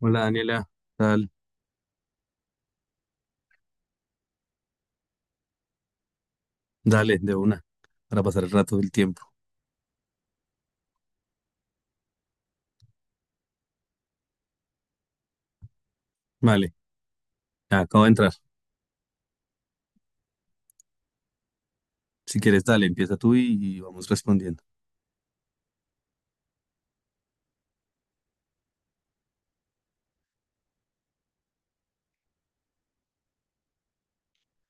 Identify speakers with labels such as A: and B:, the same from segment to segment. A: Hola Daniela, Dal- dale, de una, para pasar el rato del tiempo. Vale, ya acabo de entrar. Si quieres, dale, empieza tú y vamos respondiendo.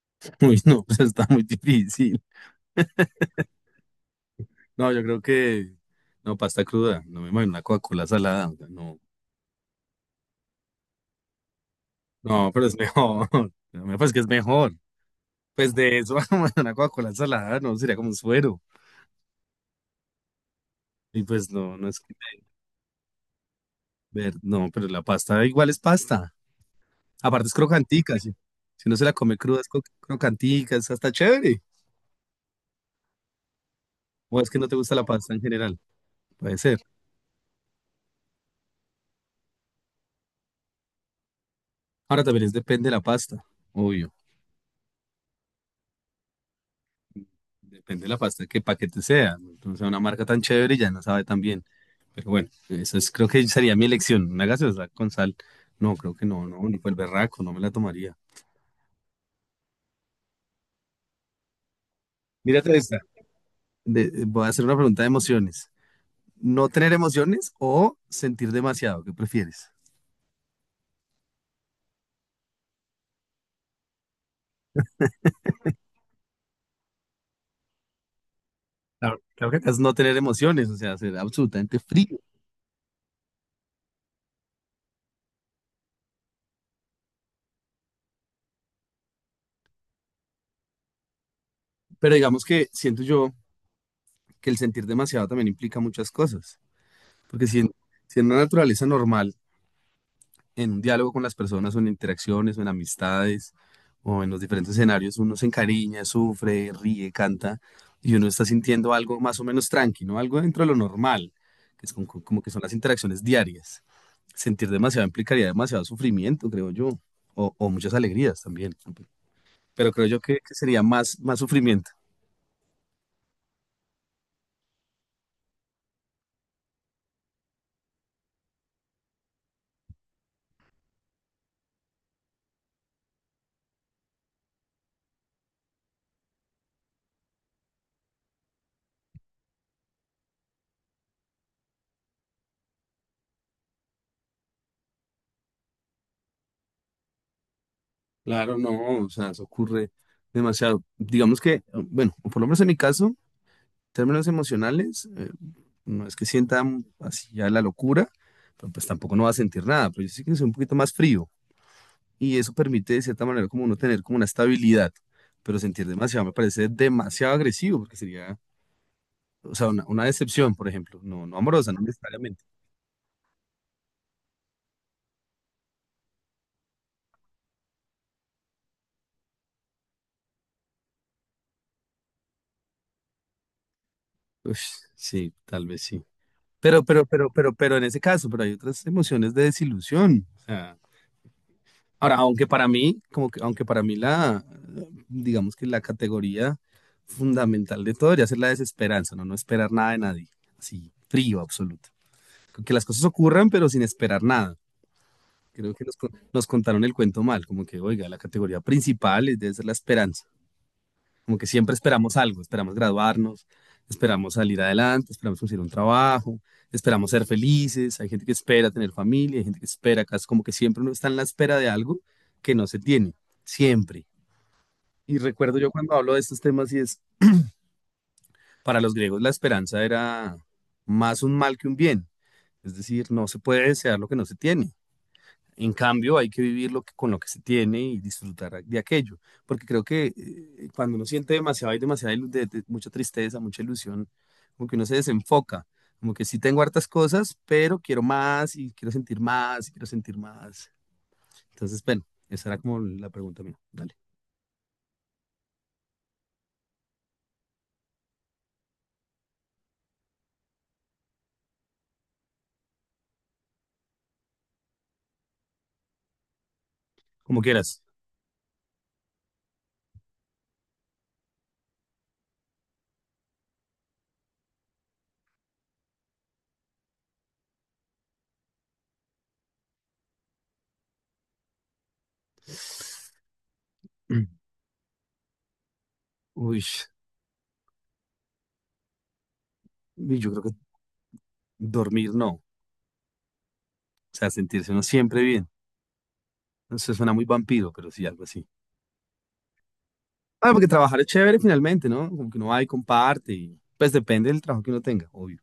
A: Uy, no, pues está muy difícil. No, yo creo que no, pasta cruda, no me imagino una Coca-Cola salada, o sea, no, no, pero es mejor. Me parece que es mejor. Pues de eso, una Coca-Cola salada, no, sería como un suero. Y pues no, no es que ver, no, pero la pasta igual es pasta. Aparte es crocantica, si uno se la come cruda, es crocantica, es hasta chévere. O es que no te gusta la pasta en general, puede ser. Ahora también es depende de la pasta, obvio. Depende de la pasta, qué paquete sea. Entonces, una marca tan chévere ya no sabe tan bien. Pero bueno, eso es, creo que sería mi elección. Una gaseosa con sal. No, creo que no, no, ni por el berraco, no me la tomaría. Mírate esta. Voy a hacer una pregunta de emociones. ¿No tener emociones o sentir demasiado? ¿Qué prefieres? Claro, claro que acá es no tener emociones, o sea, ser absolutamente frío. Pero digamos que siento yo que el sentir demasiado también implica muchas cosas. Porque si en una naturaleza normal, en un diálogo con las personas, o en interacciones, o en amistades, o en los diferentes escenarios, uno se encariña, sufre, ríe, canta, y uno está sintiendo algo más o menos tranquilo, algo dentro de lo normal, que es como que son las interacciones diarias. Sentir demasiado implicaría demasiado sufrimiento, creo yo, o muchas alegrías también. Pero creo yo que sería más, más sufrimiento. Claro, no, o sea, eso ocurre demasiado. Digamos que, bueno, o por lo menos en mi caso, términos emocionales, no es que sienta así ya la locura, pero pues tampoco no va a sentir nada, pero yo sí que soy un poquito más frío y eso permite de cierta manera como uno tener como una estabilidad, pero sentir demasiado me parece demasiado agresivo porque sería, o sea, una decepción, por ejemplo, no, no amorosa, no necesariamente. Ush, sí, tal vez sí. Pero en ese caso, pero hay otras emociones de desilusión, o sea. Ahora, aunque para mí la, digamos que la categoría fundamental de todo debería ser la desesperanza, ¿no? No esperar nada de nadie, así, frío absoluto. Con que las cosas ocurran, pero sin esperar nada. Creo que nos contaron el cuento mal, como que, oiga, la categoría principal debe ser la esperanza. Como que siempre esperamos algo, esperamos graduarnos, esperamos salir adelante, esperamos conseguir un trabajo, esperamos ser felices, hay gente que espera tener familia, hay gente que espera casas, como que siempre uno está en la espera de algo que no se tiene, siempre. Y recuerdo yo cuando hablo de estos temas y es, para los griegos la esperanza era más un mal que un bien, es decir, no se puede desear lo que no se tiene. En cambio, hay que vivir lo que, con lo que se tiene y disfrutar de aquello, porque creo que cuando uno siente demasiado, hay demasiada mucha tristeza, mucha ilusión, como que uno se desenfoca, como que sí tengo hartas cosas, pero quiero más y quiero sentir más y quiero sentir más. Entonces, bueno, esa era como la pregunta mía. Dale, como quieras. Mm. Uy, uy, yo creo que dormir no, o sea, sentirse uno siempre bien. Eso suena muy vampiro, pero sí, algo así. Ah, porque trabajar es chévere finalmente, ¿no? Como que uno va y comparte y pues depende del trabajo que uno tenga, obvio.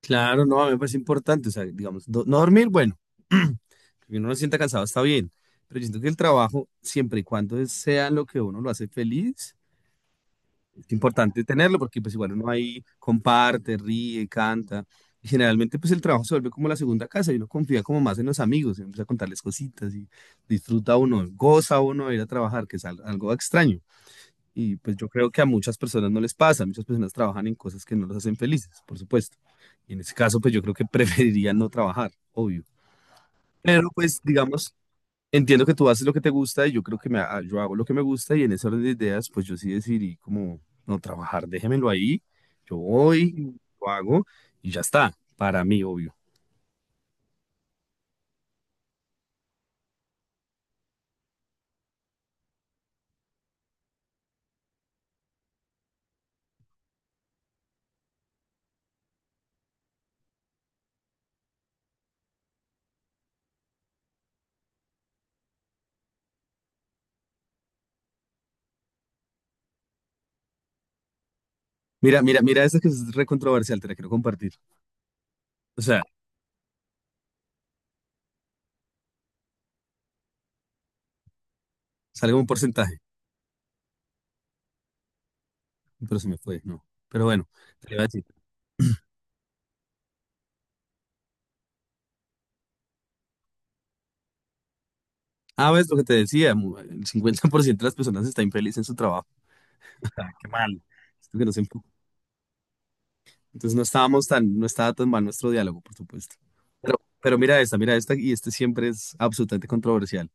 A: Claro, no, a mí me parece importante, o sea, digamos, no dormir, bueno, que uno no se sienta cansado está bien, pero yo siento que el trabajo, siempre y cuando sea lo que uno lo hace feliz, es importante tenerlo porque pues igual uno ahí comparte, ríe, canta. Y generalmente pues el trabajo se vuelve como la segunda casa y uno confía como más en los amigos, y empieza a contarles cositas y disfruta uno, goza uno de ir a trabajar, que es algo extraño. Y pues yo creo que a muchas personas no les pasa, muchas personas trabajan en cosas que no los hacen felices, por supuesto. Y en ese caso, pues yo creo que preferiría no trabajar, obvio. Pero pues digamos, entiendo que tú haces lo que te gusta y yo creo que yo hago lo que me gusta y en ese orden de ideas, pues yo sí decidí como no trabajar, déjemelo ahí, yo voy, lo hago y ya está, para mí, obvio. Mira, mira, mira, esta que es re controversial, te la quiero compartir. O sea, sale un porcentaje, pero se me fue, no. Pero bueno, ah, ves lo que te decía, el 50% de las personas está infeliz en su trabajo. Qué mal. Esto que nos empu- Entonces no estaba tan mal nuestro diálogo, por supuesto. Pero mira esta, y este siempre es absolutamente controversial.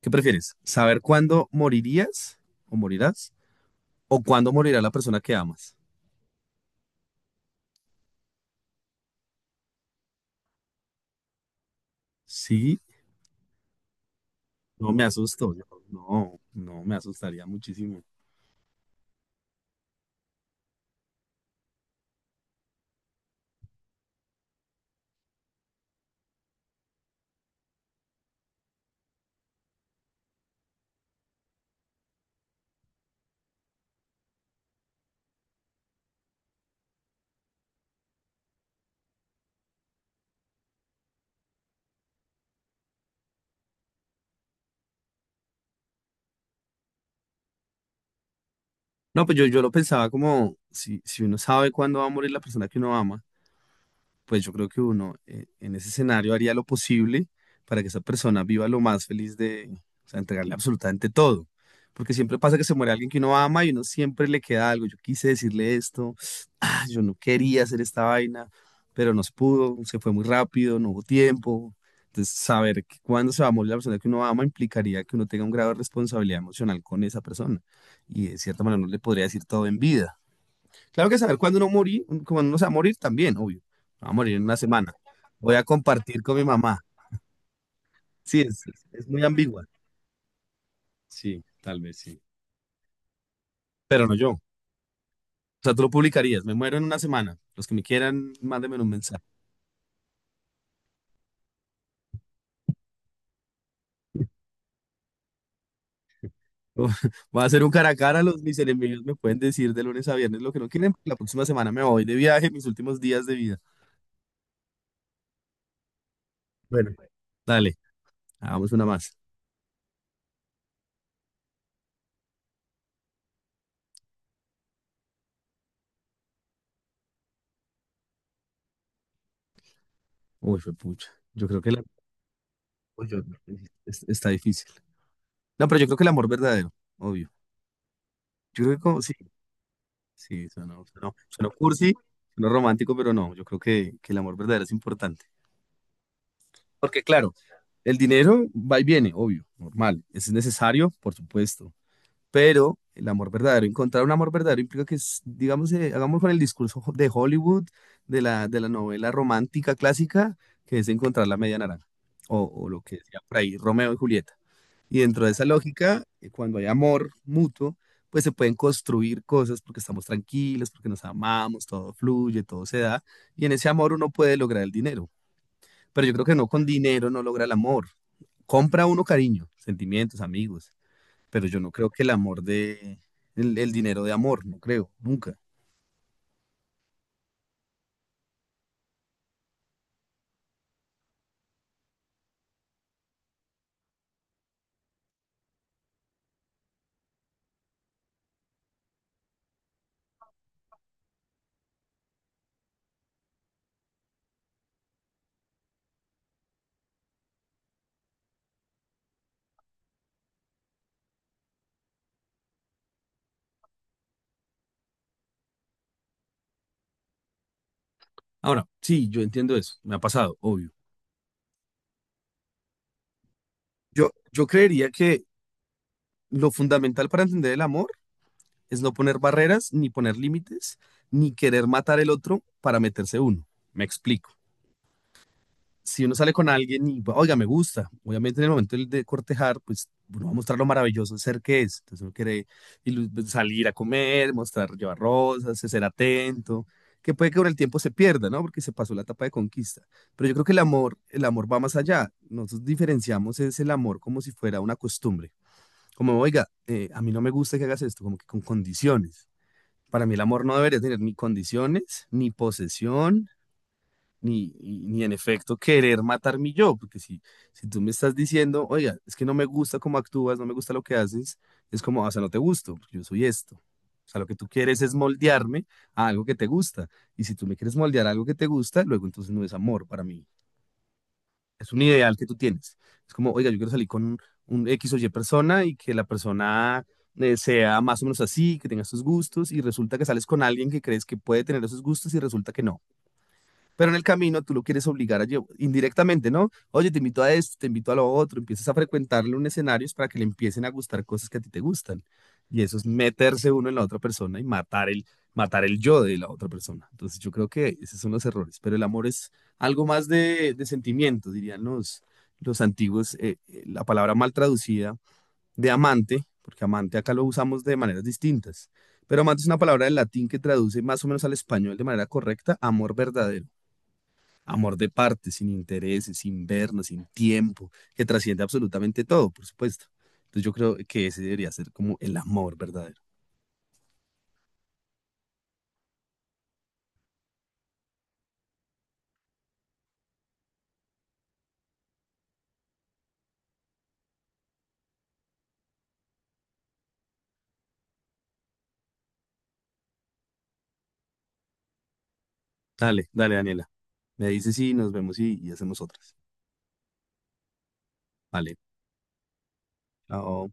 A: ¿Qué prefieres? ¿Saber cuándo morirías o morirás? ¿O cuándo morirá la persona que amas? Sí, no me asusto. No, no, me asustaría muchísimo. No, pues yo lo pensaba como si uno sabe cuándo va a morir la persona que uno ama. Pues yo creo que uno en ese escenario haría lo posible para que esa persona viva lo más feliz de, o sea, entregarle absolutamente todo. Porque siempre pasa que se muere alguien que uno ama y uno siempre le queda algo. Yo quise decirle esto, ah, yo no quería hacer esta vaina, pero no se pudo, se fue muy rápido, no hubo tiempo. Entonces, saber que cuando se va a morir la persona que uno ama implicaría que uno tenga un grado de responsabilidad emocional con esa persona. Y de cierta manera no le podría decir todo en vida. Claro que saber cuándo no morir, cuando uno se va a morir también, obvio. Me va a morir en una semana. Voy a compartir con mi mamá. Sí, es muy ambigua. Sí, tal vez sí. Pero no yo. O sea, tú lo publicarías. Me muero en una semana. Los que me quieran, mándenme un mensaje. Voy a hacer un cara a cara. Mis enemigos me pueden decir de lunes a viernes lo que no quieren. La próxima semana me voy de viaje, mis últimos días de vida. Bueno, dale, hagamos una más. Uy, fue pucha. Yo creo que la, uy, yo- está difícil. No, pero yo creo que el amor verdadero, obvio. Yo creo que como, sí, sí, sonó cursi, sonó romántico, pero no, yo creo que el amor verdadero es importante. Porque claro, el dinero va y viene, obvio, normal, es necesario, por supuesto, pero el amor verdadero, encontrar un amor verdadero implica que, es, digamos, hagamos con el discurso de Hollywood, de la novela romántica clásica, que es encontrar la media naranja, o lo que decía por ahí, Romeo y Julieta. Y dentro de esa lógica, cuando hay amor mutuo, pues se pueden construir cosas porque estamos tranquilos, porque nos amamos, todo fluye, todo se da. Y en ese amor uno puede lograr el dinero. Pero yo creo que no con dinero no logra el amor. Compra uno cariño, sentimientos, amigos. Pero yo no creo que el amor de, el dinero de amor, no creo, nunca. Ahora, sí, yo entiendo eso. Me ha pasado, obvio. Yo creería que lo fundamental para entender el amor es no poner barreras, ni poner límites, ni querer matar el otro para meterse uno. Me explico. Si uno sale con alguien y, oiga, me gusta, obviamente en el momento de cortejar, pues uno va a mostrar lo maravilloso de ser que es. Entonces uno quiere salir a comer, mostrar, llevar rosas, ser atento, que puede que con el tiempo se pierda, ¿no? Porque se pasó la etapa de conquista. Pero yo creo que el amor va más allá. Nosotros diferenciamos es el amor como si fuera una costumbre. Como, oiga, a mí no me gusta que hagas esto, como que con condiciones para mí el amor no debería tener ni condiciones, ni posesión, ni en efecto querer matar mi yo, porque si, si tú me estás diciendo, oiga, es que no me gusta cómo actúas, no me gusta lo que haces, es como, "Ah, o sea, no te gusto, porque yo soy esto. O sea, lo que tú quieres es moldearme a algo que te gusta. Y si tú me quieres moldear a algo que te gusta, luego entonces no es amor para mí, es un ideal que tú tienes. Es como, oiga, yo quiero salir con un X o Y persona y que la persona sea más o menos así, que tenga sus gustos y resulta que sales con alguien que crees que puede tener esos gustos y resulta que no. Pero en el camino tú lo quieres obligar a llevar indirectamente, ¿no? Oye, te invito a esto, te invito a lo otro, empiezas a frecuentarle un escenario para que le empiecen a gustar cosas que a ti te gustan. Y eso es meterse uno en la otra persona y matar el yo de la otra persona. Entonces yo creo que esos son los errores, pero el amor es algo más de sentimiento, dirían los antiguos, la palabra mal traducida de amante, porque amante acá lo usamos de maneras distintas, pero amante es una palabra del latín que traduce más o menos al español de manera correcta, amor verdadero. Amor de parte, sin intereses, sin vernos, sin tiempo, que trasciende absolutamente todo, por supuesto. Entonces yo creo que ese debería ser como el amor verdadero. Dale, dale, Daniela. Me dices sí nos vemos y hacemos otras. Vale. Chao.